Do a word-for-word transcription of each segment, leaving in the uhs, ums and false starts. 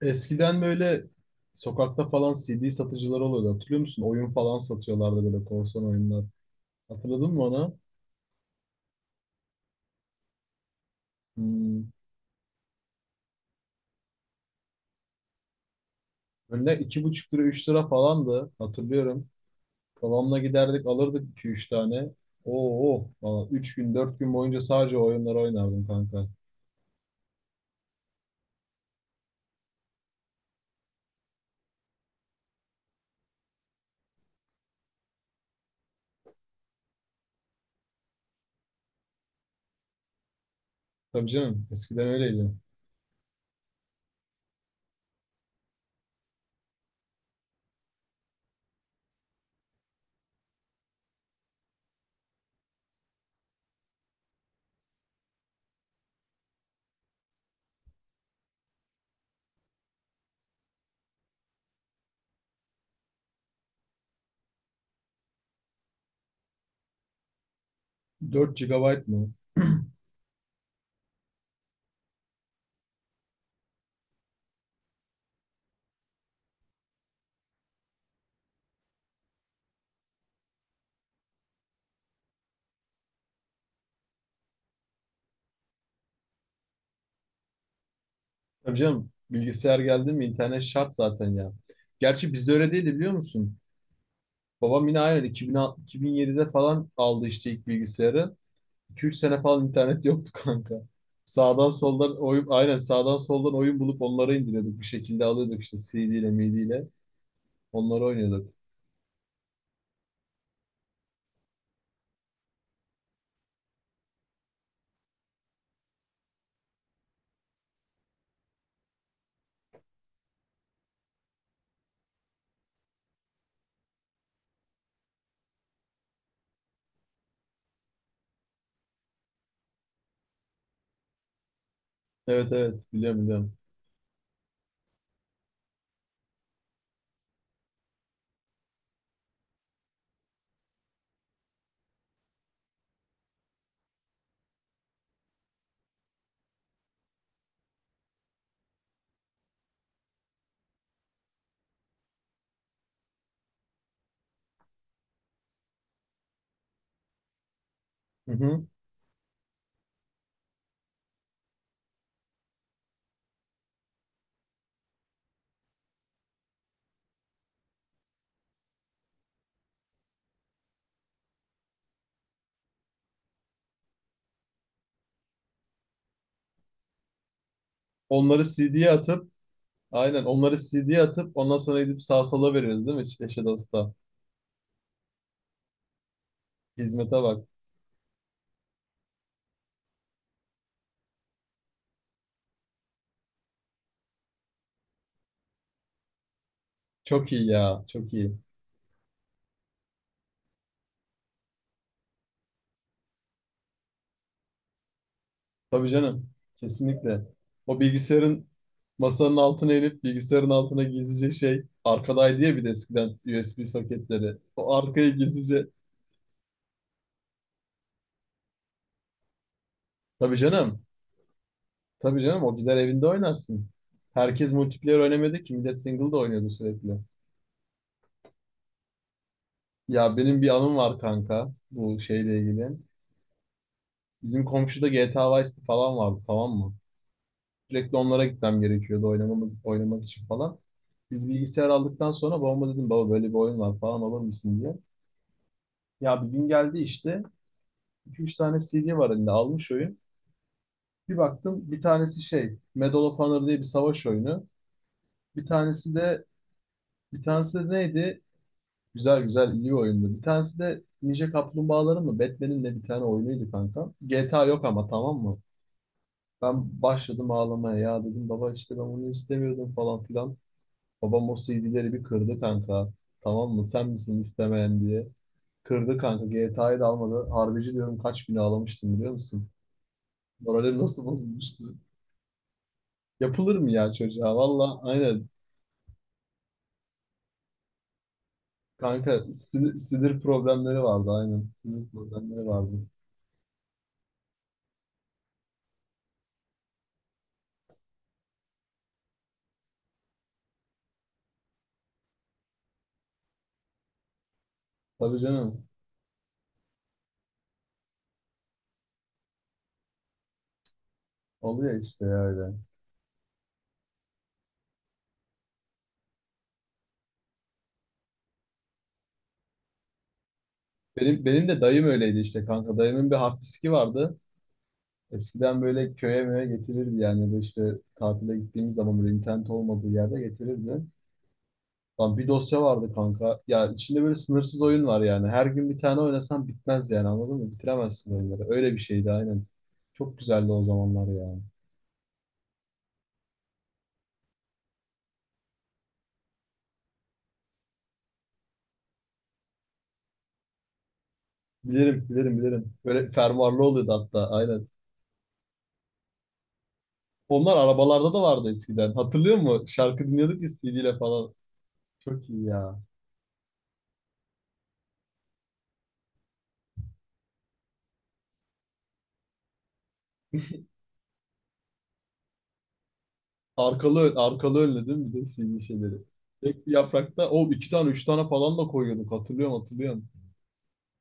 Eskiden böyle sokakta falan C D satıcıları oluyordu. Hatırlıyor musun? Oyun falan satıyorlardı böyle korsan oyunlar. Hatırladın mı onu? Hmm. Önüne iki buçuk lira, üç lira falandı. Hatırlıyorum. Babamla giderdik alırdık iki üç tane. Oo, falan. Üç gün, dört gün boyunca sadece o oyunları oynardım kanka. Tabii canım. Eskiden öyleydi. Dört G B mı? Tabii canım. Bilgisayar geldi mi internet şart zaten ya. Gerçi bizde öyle değildi biliyor musun? Babam yine aynen iki bin, iki bin yedide falan aldı işte ilk bilgisayarı. iki ila üç sene falan internet yoktu kanka. Sağdan soldan oyun aynen sağdan soldan oyun bulup onları indiriyorduk, bir şekilde alıyorduk işte C D ile MIDI ile onları oynuyorduk. Evet evet, biliyorum biliyorum. Hı hı. Onları C D'ye atıp aynen onları C D'ye atıp ondan sonra gidip sağ sola veriyoruz, değil mi? Eşe dosta. Hizmete bak. Çok iyi ya, çok iyi. Tabii canım. Kesinlikle. O bilgisayarın masanın altına inip bilgisayarın altına gizlice, şey, arkadaydı ya bir de eskiden U S B soketleri. O arkayı gizlice. Tabii canım. Tabii canım, o gider evinde oynarsın. Herkes multiplayer oynamadı ki, millet single da oynuyordu sürekli. Ya benim bir anım var kanka bu şeyle ilgili. Bizim komşuda geta Vice City falan vardı, tamam mı? Sürekli onlara gitmem gerekiyordu, oynamak, oynamak için falan. Biz bilgisayar aldıktan sonra babama dedim, baba böyle bir oyun var falan alır mısın diye. Ya bir gün geldi işte. İki üç tane C D var elinde, almış oyun. Bir baktım, bir tanesi şey Medal of Honor diye bir savaş oyunu. Bir tanesi de bir tanesi de neydi? Güzel güzel, iyi bir oyundu. Bir tanesi de Ninja Kaplumbağaların mı, Batman'in ne bir tane oyunuydu kanka. geta yok ama, tamam mı? Ben başladım ağlamaya ya, dedim baba işte ben bunu istemiyordum falan filan. Babam o C D'leri bir kırdı kanka. Tamam mı sen misin istemeyen diye. Kırdı kanka, geta'yı da almadı. Harbici diyorum, kaç gün ağlamıştım biliyor musun? Morali nasıl bozulmuştu? Yapılır mı ya çocuğa? Valla aynen. Kanka sinir, sinir problemleri vardı aynen. Sinir problemleri vardı. Tabii canım. Oluyor işte ya öyle. Benim, benim de dayım öyleydi işte kanka. Dayımın bir hafifçiki vardı. Eskiden böyle köye möye getirirdi yani. Ya da işte tatile gittiğimiz zaman böyle internet olmadığı yerde getirirdi. Lan bir dosya vardı kanka. Ya içinde böyle sınırsız oyun var yani. Her gün bir tane oynasan bitmez yani, anladın mı? Bitiremezsin oyunları. Öyle bir şeydi aynen. Çok güzeldi o zamanlar ya. Bilirim, bilirim, bilirim. Böyle fermuarlı oluyordu hatta, aynen. Onlar arabalarda da vardı eskiden. Hatırlıyor musun? Şarkı dinliyorduk ya C D ile falan. Çok iyi ya. Arkalı, ön- arkalı önlü değil mi? Bir de C D şeyleri. Tek bir yaprakta o iki tane, üç tane falan da koyuyorduk. Hatırlıyorum, hatırlıyorum.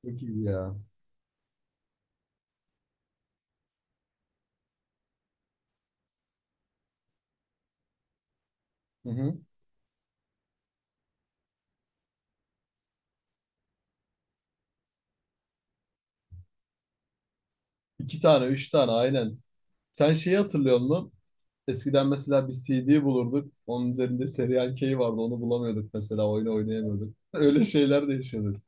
Çok iyi ya. Hı hı. İki tane, üç tane, aynen. Sen şeyi hatırlıyor musun? Eskiden mesela bir C D bulurduk. Onun üzerinde Serial K vardı. Onu bulamıyorduk mesela. Oyunu oynayamıyorduk. Öyle şeyler de yaşıyorduk.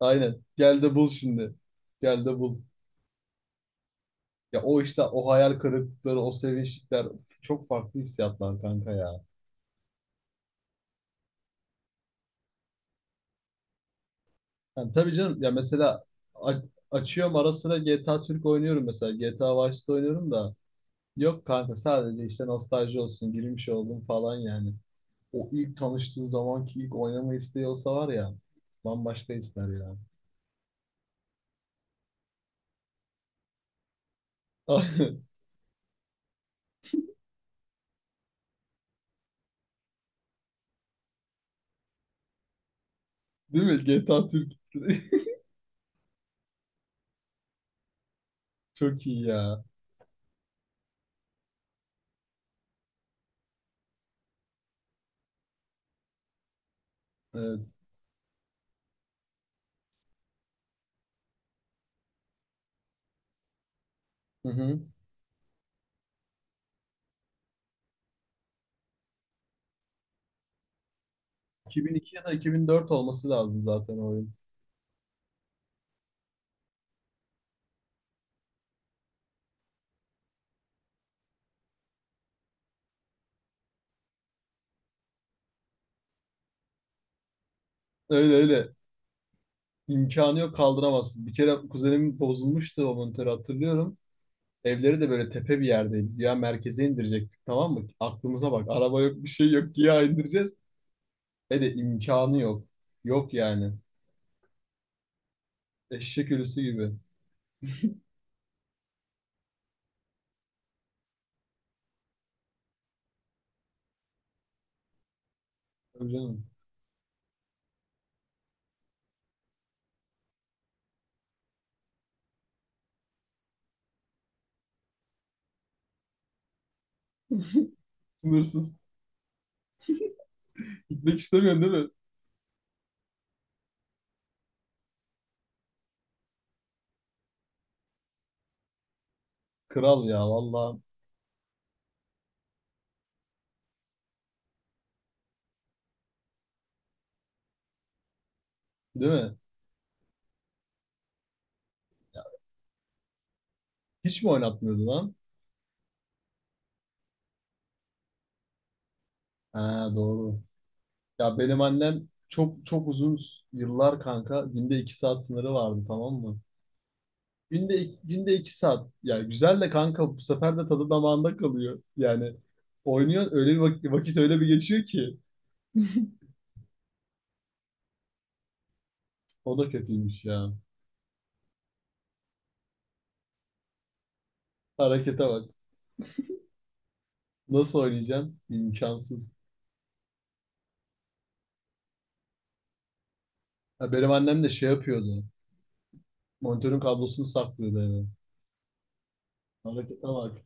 Aynen. Gel de bul şimdi. Gel de bul. Ya o işte, o hayal kırıklıkları, o sevinçlikler, çok farklı hissiyatlar kanka ya. Yani tabii canım ya, mesela a- açıyorum ara sıra geta Türk oynuyorum mesela. geta Vice'de oynuyorum da yok kanka, sadece işte nostalji olsun, girmiş oldum falan yani. O ilk tanıştığı zamanki ilk oynama isteği olsa var ya, bambaşka ister ya. Değil mi? G T A Türk. Çok iyi ya. Evet. Hı hı. iki bin iki ya da iki bin dört olması lazım zaten o oyun. Öyle öyle. İmkanı yok kaldıramazsın. Bir kere kuzenimin bozulmuştu o monitörü, hatırlıyorum. Evleri de böyle tepe bir yerdeydi. Ya merkeze indirecektik, tamam mı? Aklımıza bak. Araba yok, bir şey yok. Ya indireceğiz. Ve de imkanı yok. Yok yani. Eşek ölüsü gibi. Tabii canım. Sınırsız. Gitmek istemiyorsun değil mi? Kral ya vallahi. Değil mi? Hiç mi oynatmıyordun lan? Ha doğru. Ya benim annem çok çok uzun yıllar kanka günde iki saat sınırı vardı, tamam mı? Günde günde iki saat. Yani güzel de kanka, bu sefer de tadı damağında kalıyor. Yani oynuyor, öyle bir vak- vakit öyle bir geçiyor ki. O da kötüymüş ya. Harekete bak. Nasıl oynayacağım? İmkansız. Ya benim annem de şey yapıyordu. Monitörün kablosunu saklıyordu eve. Harekete bak.